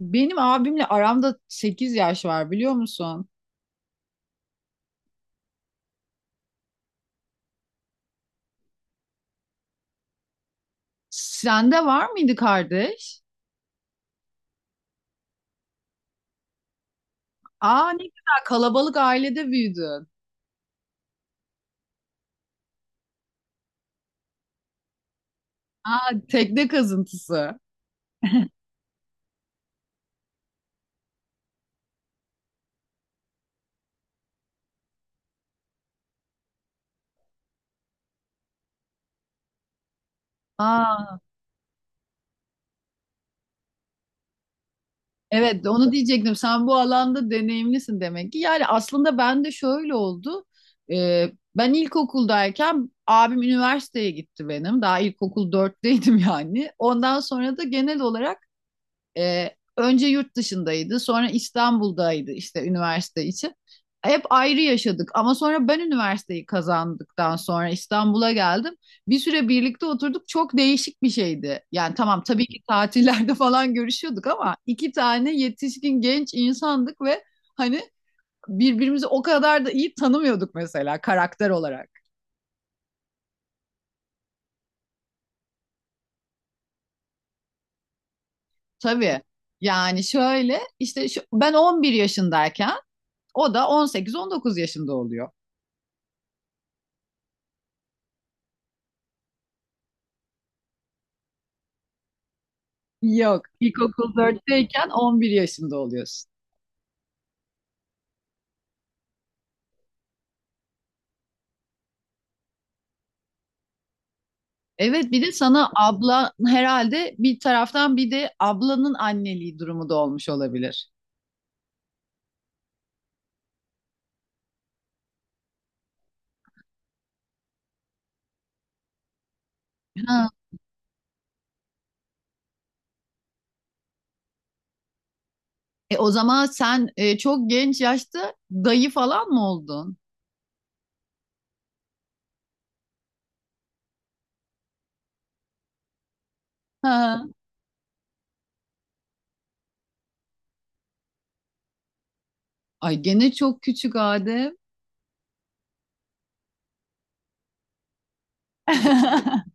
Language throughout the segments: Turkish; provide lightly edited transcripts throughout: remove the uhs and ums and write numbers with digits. Benim abimle aramda 8 yaş var biliyor musun? Sende var mıydı kardeş? Aa, ne güzel kalabalık ailede büyüdün. Aa, tekne kazıntısı. Aa, evet onu diyecektim. Sen bu alanda deneyimlisin demek ki. Yani aslında ben de şöyle oldu. Ben ilkokuldayken abim üniversiteye gitti benim. Daha ilkokul 4'teydim yani. Ondan sonra da genel olarak E, önce yurt dışındaydı, sonra İstanbul'daydı işte üniversite için. Hep ayrı yaşadık ama sonra ben üniversiteyi kazandıktan sonra İstanbul'a geldim. Bir süre birlikte oturduk. Çok değişik bir şeydi. Yani tamam tabii ki tatillerde falan görüşüyorduk ama iki tane yetişkin genç insandık ve hani birbirimizi o kadar da iyi tanımıyorduk mesela karakter olarak. Tabii. Yani şöyle işte ben 11 yaşındayken o da 18-19 yaşında oluyor. Yok. İlkokul 4'teyken 11 yaşında oluyorsun. Evet, bir de sana abla herhalde bir taraftan bir de ablanın anneliği durumu da olmuş olabilir. Ha. O zaman sen çok genç yaşta dayı falan mı oldun? Ha. Ay, gene çok küçük Adem.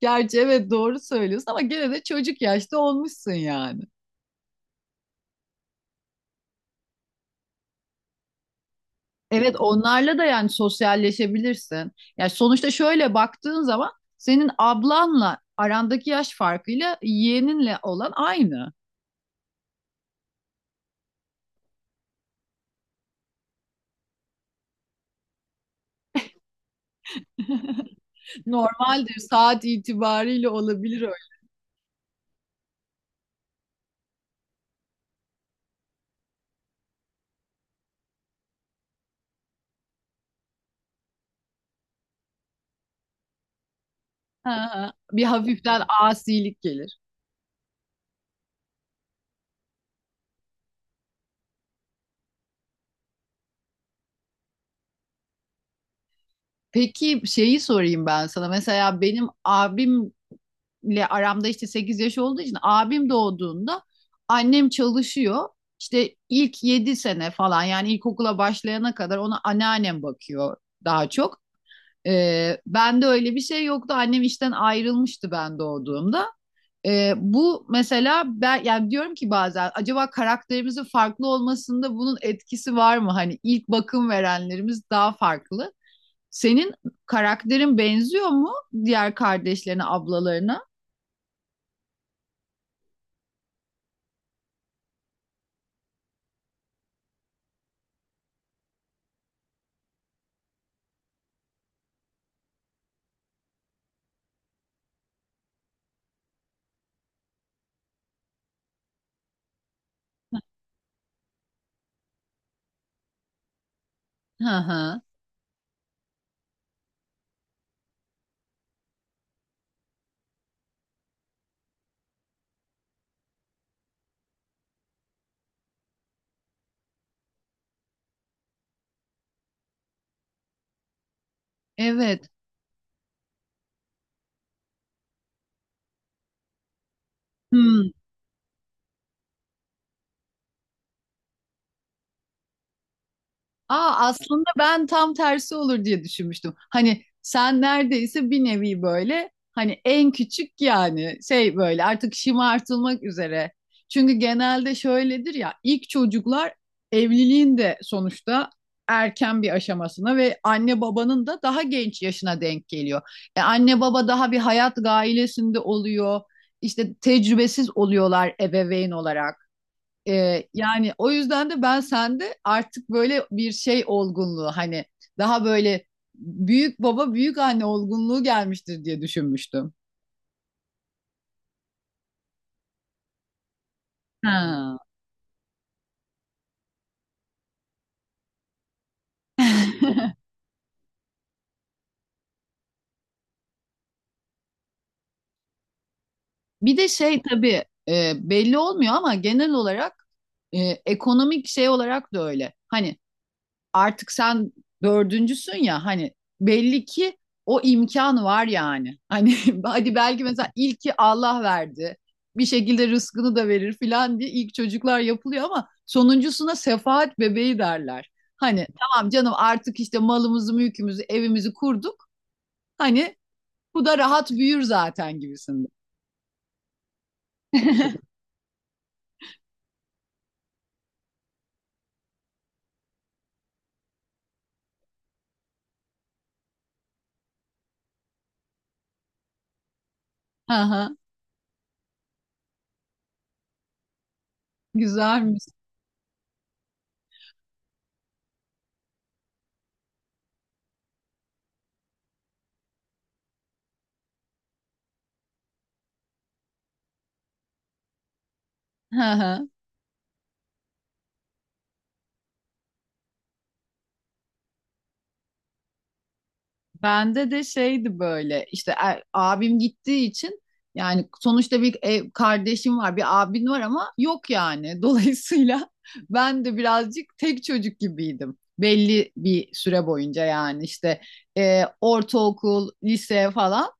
Gerçi evet doğru söylüyorsun ama gene de çocuk yaşta olmuşsun yani. Evet, onlarla da yani sosyalleşebilirsin. Yani sonuçta şöyle baktığın zaman senin ablanla arandaki yaş farkıyla yeğeninle olan aynı. Normaldir, saat itibariyle olabilir öyle. Ha, ha. Bir hafiften asilik gelir. Peki şeyi sorayım ben sana. Mesela benim abimle aramda işte 8 yaş olduğu için abim doğduğunda annem çalışıyor. İşte ilk 7 sene falan yani ilkokula başlayana kadar ona anneannem bakıyor daha çok. Bende öyle bir şey yoktu. Annem işten ayrılmıştı ben doğduğumda. Bu mesela ben yani diyorum ki bazen acaba karakterimizin farklı olmasında bunun etkisi var mı? Hani ilk bakım verenlerimiz daha farklı. Senin karakterin benziyor mu diğer kardeşlerine, ablalarına? Hı hı. Evet. Hmm. Aa, aslında ben tam tersi olur diye düşünmüştüm. Hani sen neredeyse bir nevi böyle hani en küçük yani şey böyle artık şımartılmak üzere. Çünkü genelde şöyledir ya ilk çocuklar evliliğin de sonuçta erken bir aşamasına ve anne babanın da daha genç yaşına denk geliyor. Anne baba daha bir hayat gailesinde oluyor. İşte tecrübesiz oluyorlar ebeveyn olarak. Yani o yüzden de ben sende artık böyle bir şey olgunluğu hani daha böyle büyük baba büyük anne olgunluğu gelmiştir diye düşünmüştüm. Ha. Bir de şey tabii belli olmuyor ama genel olarak e, ekonomik şey olarak da öyle. Hani artık sen dördüncüsün ya hani belli ki o imkan var yani. Hani hadi belki mesela ilki Allah verdi. Bir şekilde rızkını da verir filan diye ilk çocuklar yapılıyor ama sonuncusuna sefaat bebeği derler. Hani tamam canım artık işte malımızı, mülkümüzü, evimizi kurduk. Hani bu da rahat büyür zaten gibisinde. Aha, güzelmiş. Aha. Bende de şeydi böyle işte abim gittiği için yani sonuçta bir ev, kardeşim var bir abin var ama yok yani. Dolayısıyla ben de birazcık tek çocuk gibiydim. Belli bir süre boyunca yani işte ortaokul, lise falan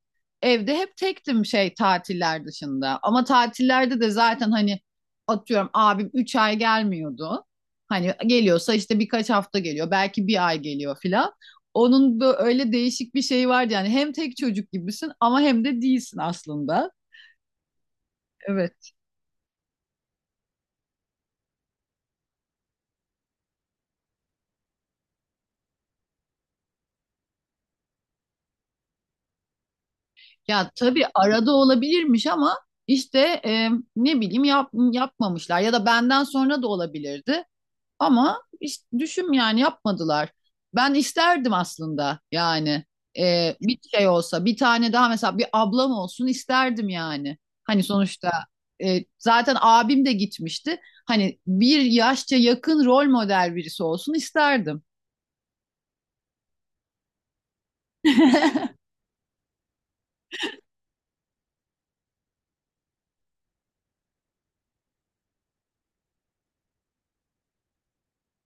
evde hep tektim şey tatiller dışında. Ama tatillerde de zaten hani atıyorum abim 3 ay gelmiyordu. Hani geliyorsa işte birkaç hafta geliyor belki bir ay geliyor filan. Onun böyle öyle değişik bir şeyi vardı yani hem tek çocuk gibisin ama hem de değilsin aslında. Evet. Ya tabii arada olabilirmiş ama işte e, ne bileyim yapmamışlar ya da benden sonra da olabilirdi. Ama işte düşün yani yapmadılar. Ben isterdim aslında yani bir şey olsa bir tane daha mesela bir ablam olsun isterdim yani. Hani sonuçta zaten abim de gitmişti. Hani bir yaşça yakın rol model birisi olsun isterdim.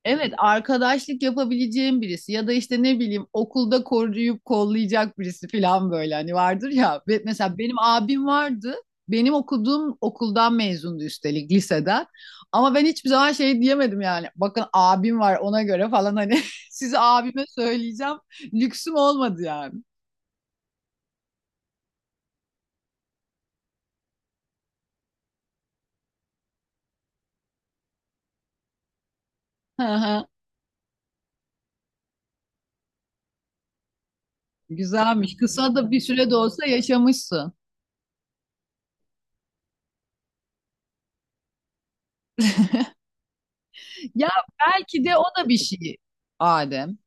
Evet, arkadaşlık yapabileceğim birisi ya da işte ne bileyim okulda koruyup kollayacak birisi falan böyle hani vardır ya. Ve mesela benim abim vardı. Benim okuduğum okuldan mezundu üstelik liseden. Ama ben hiçbir zaman şey diyemedim yani. Bakın abim var ona göre falan hani size abime söyleyeceğim. Lüksüm olmadı yani. Hı hı. Güzelmiş. Kısa da bir süre de olsa yaşamışsın. Ya belki de o da bir şey Adem.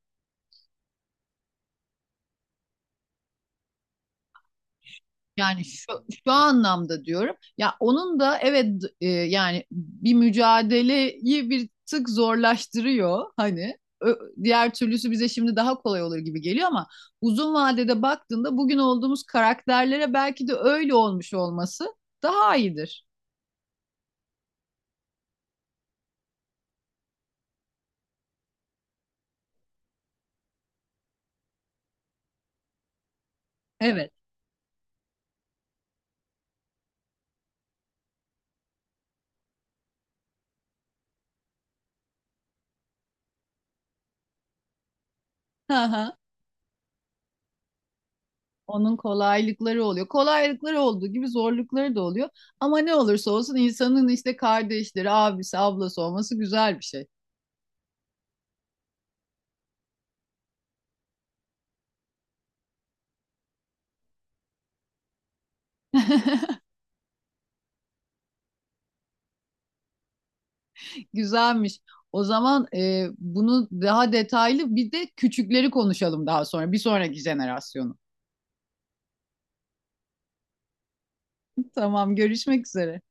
Yani şu anlamda diyorum. Ya onun da evet yani bir mücadeleyi bir tık zorlaştırıyor hani. Diğer türlüsü bize şimdi daha kolay olur gibi geliyor ama uzun vadede baktığında bugün olduğumuz karakterlere belki de öyle olmuş olması daha iyidir. Evet. Hı hı. Onun kolaylıkları oluyor. Kolaylıkları olduğu gibi zorlukları da oluyor. Ama ne olursa olsun insanın işte kardeşleri, abisi, ablası olması güzel bir şey. Güzelmiş. O zaman bunu daha detaylı bir de küçükleri konuşalım daha sonra. Bir sonraki jenerasyonu. Tamam, görüşmek üzere.